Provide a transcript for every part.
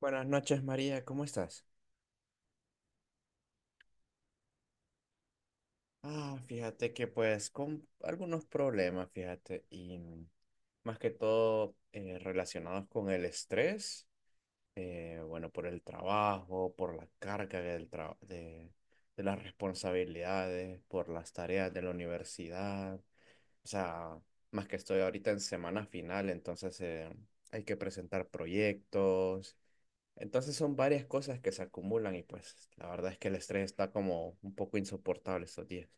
Buenas noches, María, ¿cómo estás? Ah, fíjate que pues con algunos problemas, fíjate, y más que todo relacionados con el estrés, bueno, por el trabajo, por la carga de las responsabilidades, por las tareas de la universidad, o sea, más que estoy ahorita en semana final, entonces hay que presentar proyectos. Entonces son varias cosas que se acumulan y pues la verdad es que el estrés está como un poco insoportable estos días.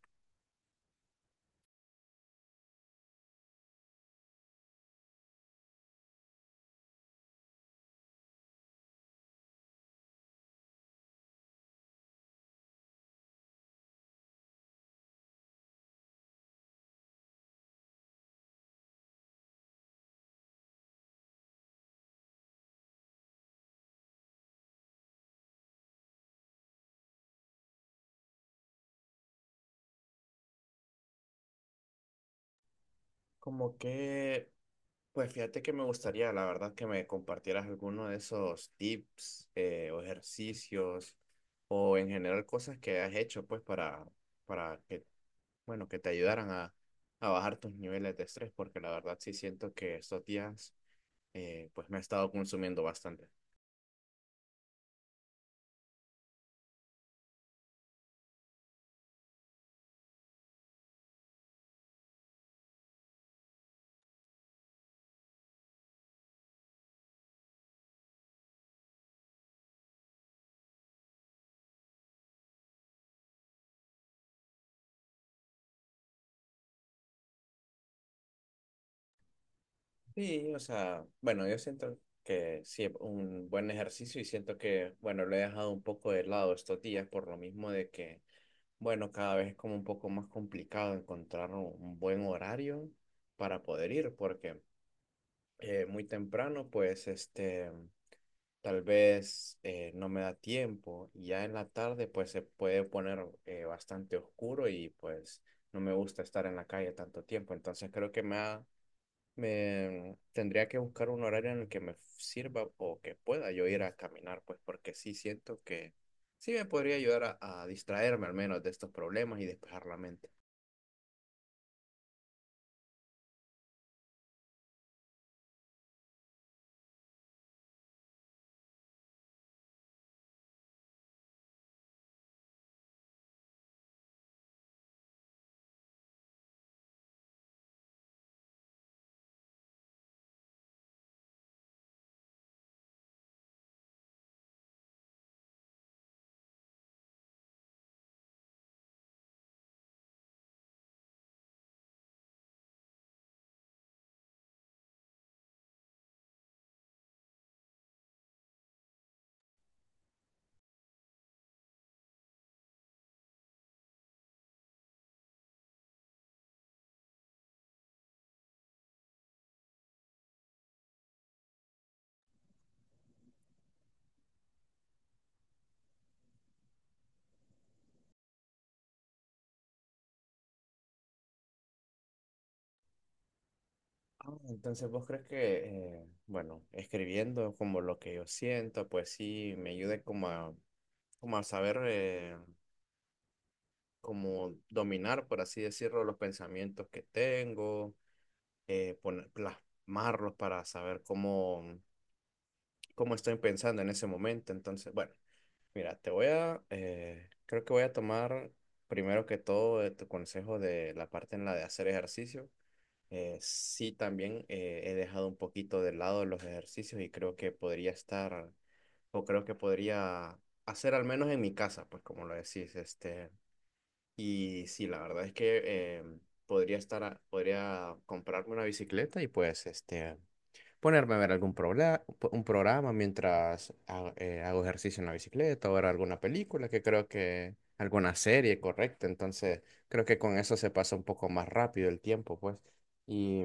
Como que, pues fíjate que me gustaría, la verdad, que me compartieras alguno de esos tips o ejercicios o en general cosas que has hecho pues para que, bueno, que te ayudaran a bajar tus niveles de estrés porque la verdad sí siento que estos días pues me ha estado consumiendo bastante. Sí, o sea, bueno, yo siento que sí es un buen ejercicio y siento que, bueno, lo he dejado un poco de lado estos días por lo mismo de que, bueno, cada vez es como un poco más complicado encontrar un buen horario para poder ir, porque muy temprano, pues, este, tal vez no me da tiempo y ya en la tarde, pues, se puede poner bastante oscuro y, pues, no me gusta estar en la calle tanto tiempo, entonces creo que me tendría que buscar un horario en el que me sirva o que pueda yo ir a caminar, pues porque sí siento que sí me podría ayudar a distraerme al menos de estos problemas y despejar la mente. Ah, entonces, ¿vos crees que, bueno, escribiendo como lo que yo siento, pues sí me ayude como a, como a saber, como dominar, por así decirlo, los pensamientos que tengo, poner, plasmarlos para saber cómo, cómo estoy pensando en ese momento? Entonces, bueno. Mira, creo que voy a tomar primero que todo tu consejo de la parte en la de hacer ejercicio. Sí, también he dejado un poquito de lado los ejercicios y creo que podría estar, o creo que podría hacer al menos en mi casa, pues como lo decís, este. Y sí, la verdad es que podría comprarme una bicicleta y pues este ponerme a ver un programa mientras hago ejercicio en la bicicleta o ver alguna película, que creo que alguna serie, correcto. Entonces, creo que con eso se pasa un poco más rápido el tiempo, pues. Y,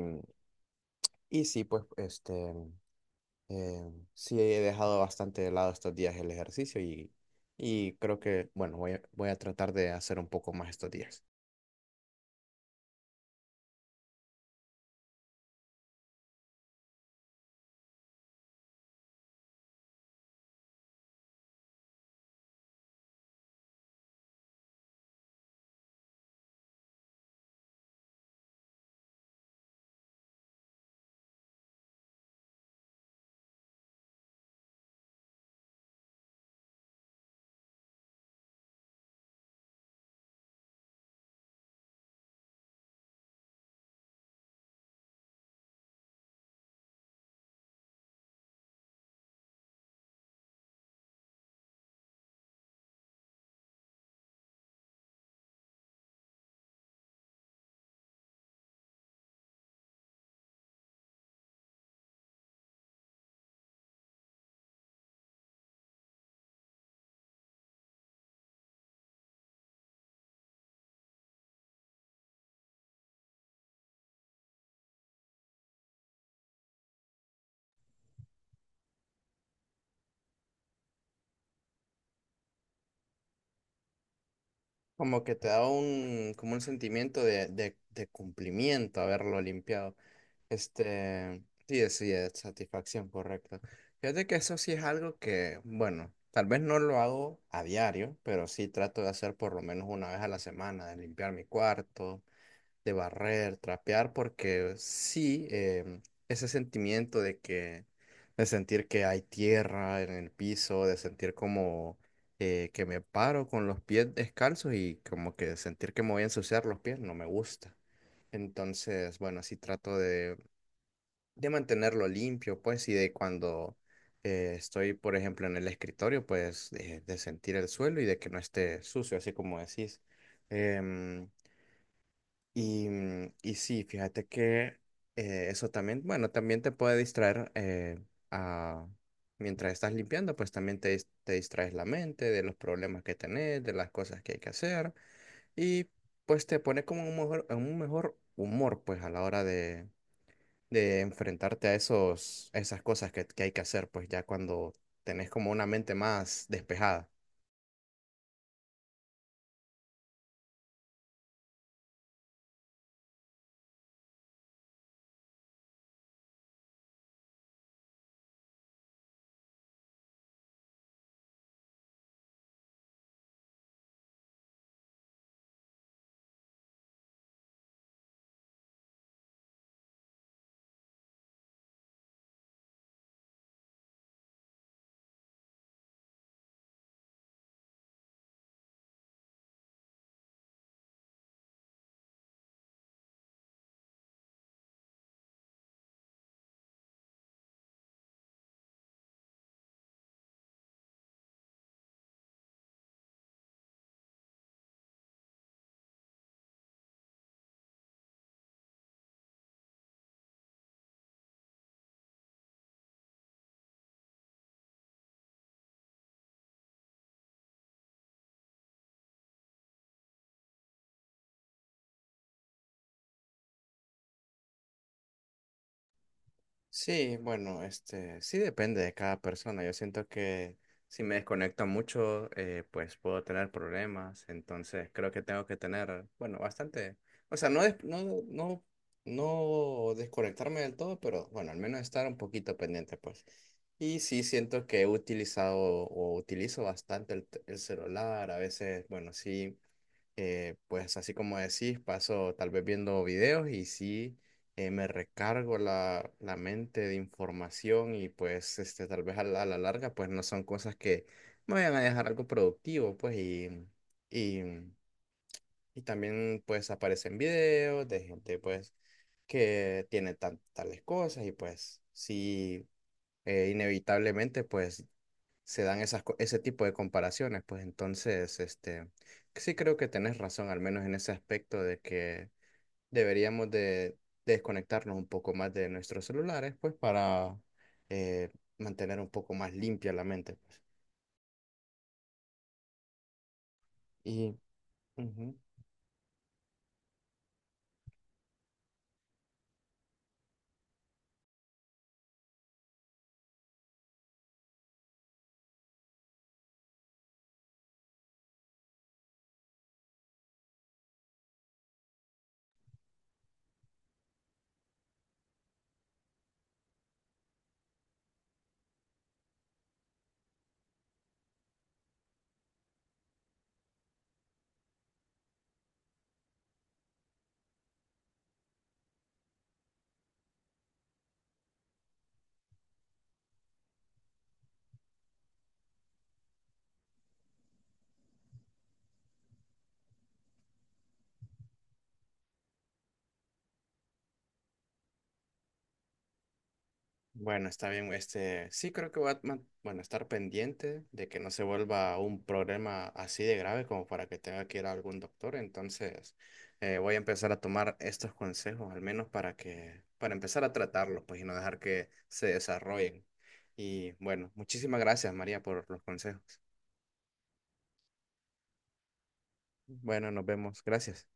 y sí, pues, este, sí he dejado bastante de lado estos días el ejercicio y creo que, bueno, voy a, voy a tratar de hacer un poco más estos días. Como que te da un, como un sentimiento de cumplimiento haberlo limpiado. Este, sí, sí, es satisfacción, correcto. Fíjate que eso sí es algo que, bueno, tal vez no lo hago a diario, pero sí trato de hacer por lo menos una vez a la semana, de limpiar mi cuarto, de barrer, trapear, porque sí, ese sentimiento de que, de sentir que hay tierra en el piso, de sentir como que me paro con los pies descalzos y como que sentir que me voy a ensuciar los pies, no me gusta. Entonces, bueno, sí trato de mantenerlo limpio, pues, y de cuando estoy, por ejemplo, en el escritorio, pues, de sentir el suelo y de que no esté sucio, así como decís. Em, y y sí, fíjate que eso también, bueno, también te puede distraer a, mientras estás limpiando, pues también te, te distraes la mente de los problemas que tenés, de las cosas que hay que hacer y pues te pone como un mejor, en un mejor humor, pues, a la hora de enfrentarte a esos, a esas cosas que hay que hacer, pues ya cuando tenés como una mente más despejada. Sí, bueno, este, sí depende de cada persona. Yo siento que si me desconecto mucho, pues puedo tener problemas. Entonces creo que tengo que tener, bueno, bastante, o sea, no, no, no, no desconectarme del todo, pero bueno, al menos estar un poquito pendiente, pues. Y sí siento que he utilizado o utilizo bastante el celular. A veces, bueno, sí. Pues así como decís, paso tal vez viendo videos y sí me recargo la, la mente de información y pues este, tal vez a la larga pues no son cosas que me vayan a dejar algo productivo pues y, y también pues aparecen videos de gente pues que tiene tales cosas y pues sí inevitablemente pues se dan esas, ese tipo de comparaciones, pues entonces, este, sí creo que tenés razón, al menos en ese aspecto de que deberíamos de desconectarnos un poco más de nuestros celulares, pues para eh, mantener un poco más limpia la mente, pues. Y ujú. Bueno, está bien. Este, sí creo que voy a bueno, estar pendiente de que no se vuelva un problema así de grave como para que tenga que ir a algún doctor. Entonces, voy a empezar a tomar estos consejos, al menos para que, para empezar a tratarlos, pues, y no dejar que se desarrollen. Y bueno, muchísimas gracias, María, por los consejos. Bueno, nos vemos. Gracias.